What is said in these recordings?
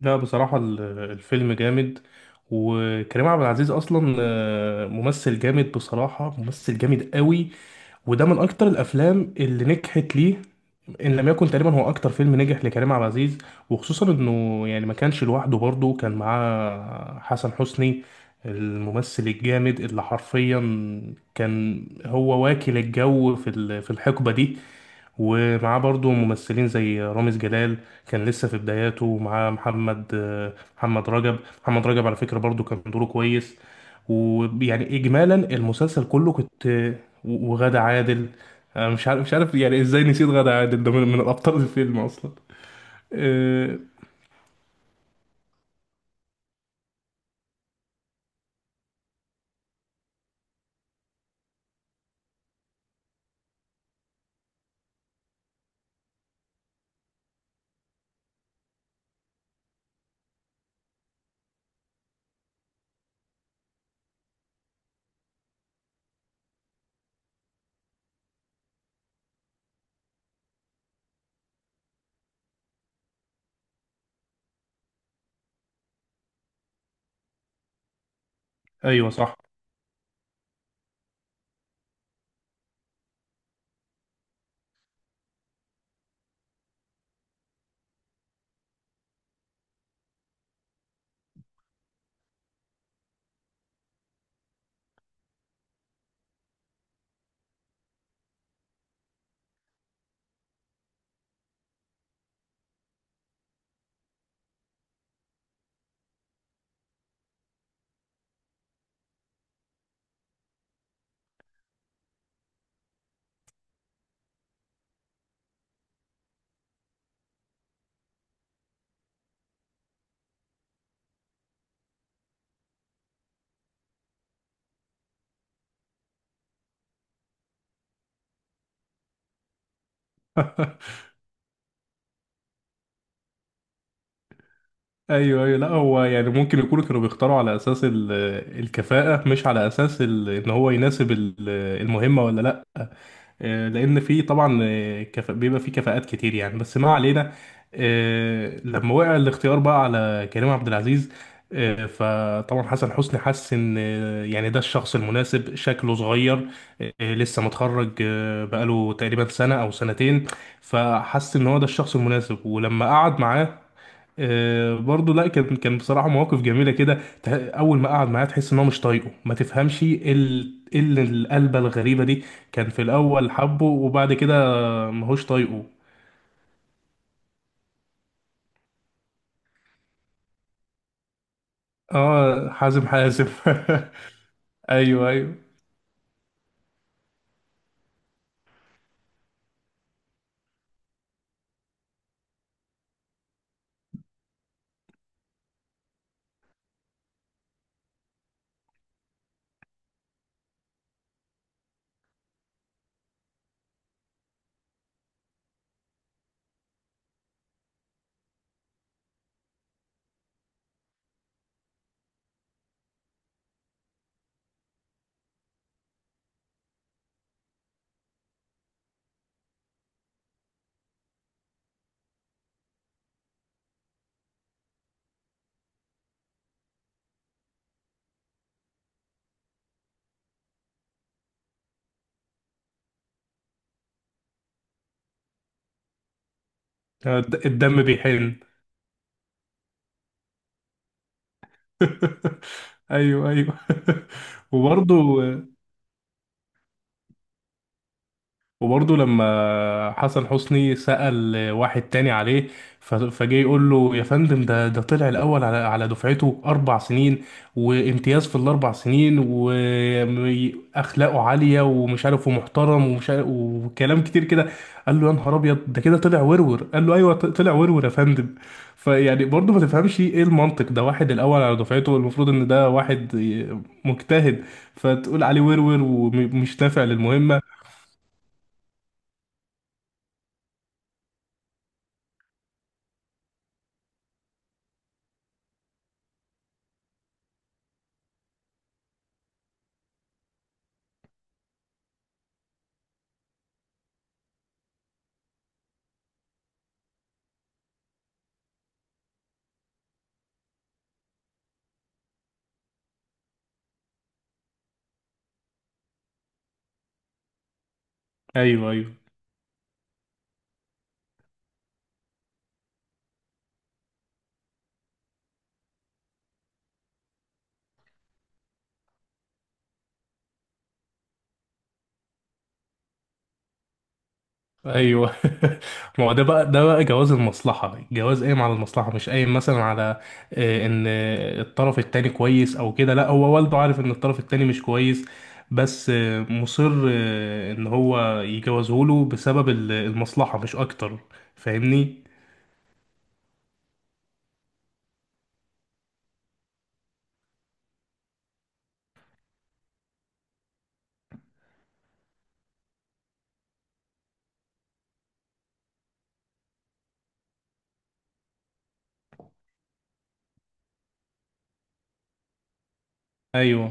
لا، بصراحة الفيلم جامد. وكريم عبد العزيز أصلا ممثل جامد، بصراحة ممثل جامد قوي. وده من أكتر الأفلام اللي نجحت ليه. إن لم يكن تقريبا هو أكتر فيلم نجح لكريم عبد العزيز. وخصوصا إنه يعني ما كانش لوحده، برضه كان معاه حسن حسني، الممثل الجامد اللي حرفيا كان هو واكل الجو في الحقبة دي. ومعاه برضو ممثلين زي رامز جلال، كان لسه في بداياته. ومعاه محمد رجب. محمد رجب على فكرة برضو كان دوره كويس. ويعني إجمالا المسلسل كله كنت وغادة عادل. أنا مش عارف يعني إزاي نسيت غادة عادل، ده من الأبطال الفيلم أصلا. آه، أيوه صح. ايوه، ايوه، لا هو يعني ممكن يكونوا كانوا بيختاروا على الكفاءة، مش على ان هو يناسب المهمة، ولا لا. آه، لان في طبعا بيبقى في كفاءات كتير يعني، بس ما علينا. لما وقع الاختيار بقى على كريم عبد العزيز، فطبعا حسن حسني حس ان، يعني ده الشخص المناسب، شكله صغير، لسه متخرج، بقاله تقريبا سنة او سنتين. فحس ان هو ده الشخص المناسب. ولما قعد معاه، برضه، لا كان بصراحه مواقف جميله كده. اول ما قعد معاه تحس ان هو مش طايقه، ما تفهمش إيه ال القلبه الغريبه دي. كان في الاول حبه، وبعد كده ماهوش طايقه. اه، حازم، حازم. ايوه، ايوه. آه، الدم بيحن. ايوه، ايوه. وبرضه، وبرضه لما حسن حسني سأل واحد تاني عليه، فجه يقول له يا فندم، ده طلع الأول على على دفعته أربع سنين، وامتياز في الأربع سنين، وأخلاقه عالية، ومش عارف، ومحترم، ومش عارف، وكلام كتير كده. قال له يا نهار أبيض، ده كده طلع ورور؟ قال له أيوه، طلع ورور يا فندم. فيعني برضه ما تفهمش إيه المنطق؟ ده واحد الأول على دفعته، المفروض إن ده واحد مجتهد، فتقول عليه ورور ومش نافع للمهمة. أيوه، أيوه، ايوه. ما هو ده بقى، ده بقى جواز المصلحه، جواز قايم على المصلحه، مش قايم مثلا على، ان الطرف التاني كويس او كده. لا، هو والده عارف ان الطرف التاني مش كويس، بس مصر ان هو يجوزه له بسبب المصلحه، مش اكتر. فاهمني؟ ايوه.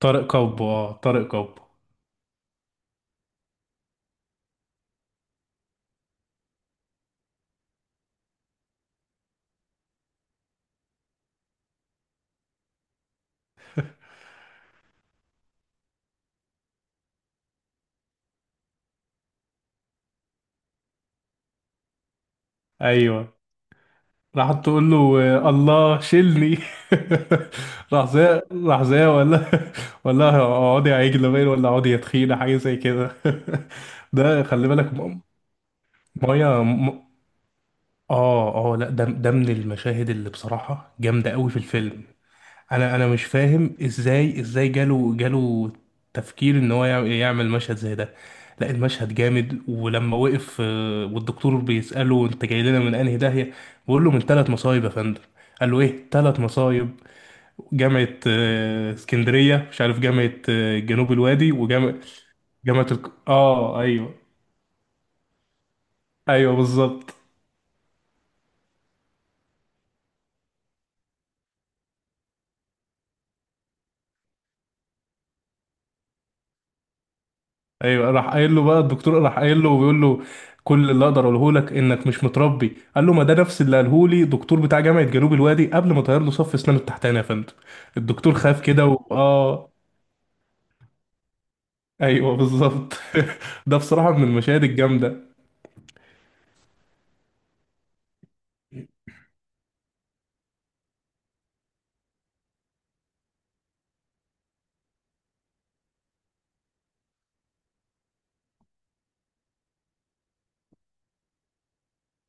طارق كوب، اه، طارق كوب. ايوه، راح تقول له، آه، الله شيلني. راح زي، راح زي ولا، ولا اقعدي يا عجلة باين، ولا اقعدي يا تخينة، حاجة زي كده. ده خلي بالك مية اه، اه، لا، ده ده من المشاهد اللي بصراحة جامدة قوي في الفيلم. انا مش فاهم ازاي جاله تفكير ان هو يعمل مشهد زي ده. لا، المشهد جامد. ولما وقف، والدكتور بيسأله انت جاي لنا من انهي داهية، بيقول له من ثلاث مصايب يا فندم. قال له ايه ثلاث مصايب؟ جامعة اسكندرية، مش عارف، جامعة جنوب الوادي، وجامعة، اه، ايوه. ايوه بالظبط. ايوه، راح قايل له بقى الدكتور، راح قايل له وبيقول له كل اللي اقدر اقوله لك انك مش متربي. قال له ما ده نفس اللي قاله لي دكتور بتاع جامعه جنوب الوادي، قبل ما طير له صف اسنانه التحتاني يا فندم. الدكتور خاف كده اه، ايوه بالظبط. ده بصراحه من المشاهد الجامده.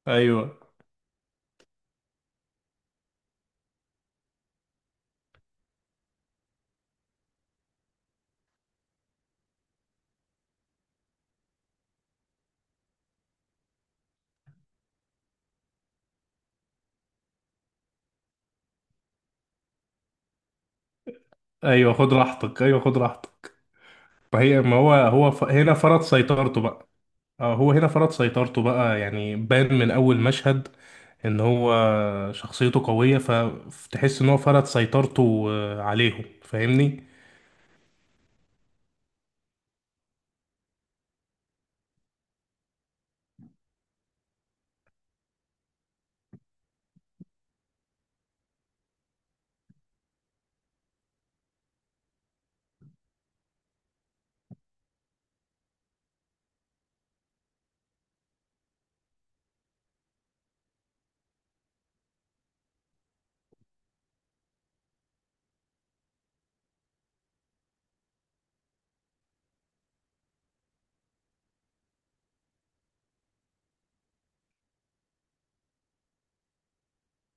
ايوه، ايوه، خد راحتك، ايوه خد راحتك. ما هي، ما هو هو هنا فرض سيطرته بقى. اه، هو هنا فرض سيطرته بقى، يعني بان من اول مشهد ان هو شخصيته قوية. فتحس ان هو فرض سيطرته عليهم. فاهمني؟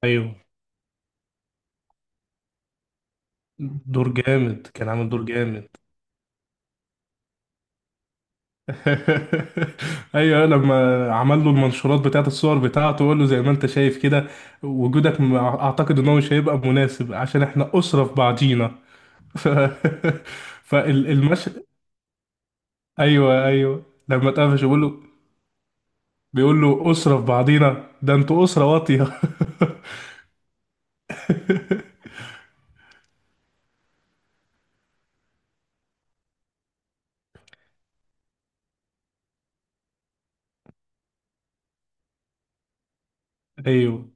ايوه. دور جامد، كان عامل دور جامد. ايوه، لما عمل له المنشورات بتاعت الصور بتاعته، وقال له زي ما انت شايف كده وجودك، اعتقد ان هو مش هيبقى مناسب، عشان احنا اسرة في بعضينا. ف... فالمشهد، ايوه، ايوه. لما اتقفش يقول له، بيقول له أسرة في بعضينا؟ ده انتوا أسرة واطية. ايوه.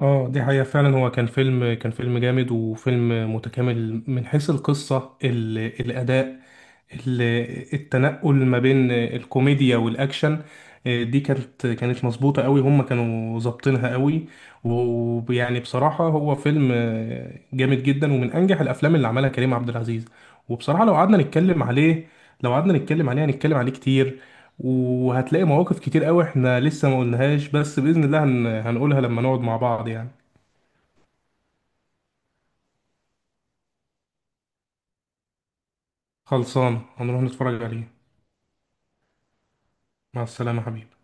اه، دي حقيقة، فعلا هو كان فيلم، كان فيلم جامد، وفيلم متكامل من حيث القصة، الأداء، ال... التنقل ما بين الكوميديا والأكشن. دي كانت، كانت مظبوطة قوي، هم كانوا ظابطينها قوي. ويعني بصراحة هو فيلم جامد جدا، ومن أنجح الأفلام اللي عملها كريم عبد العزيز. وبصراحة لو قعدنا نتكلم عليه، لو قعدنا نتكلم عليه هنتكلم عليه كتير. وهتلاقي مواقف كتير قوي احنا لسه ما قلناهاش، بس بإذن الله هنقولها لما نقعد مع بعض يعني. خلصان، هنروح نتفرج عليه. مع السلامة حبيبي.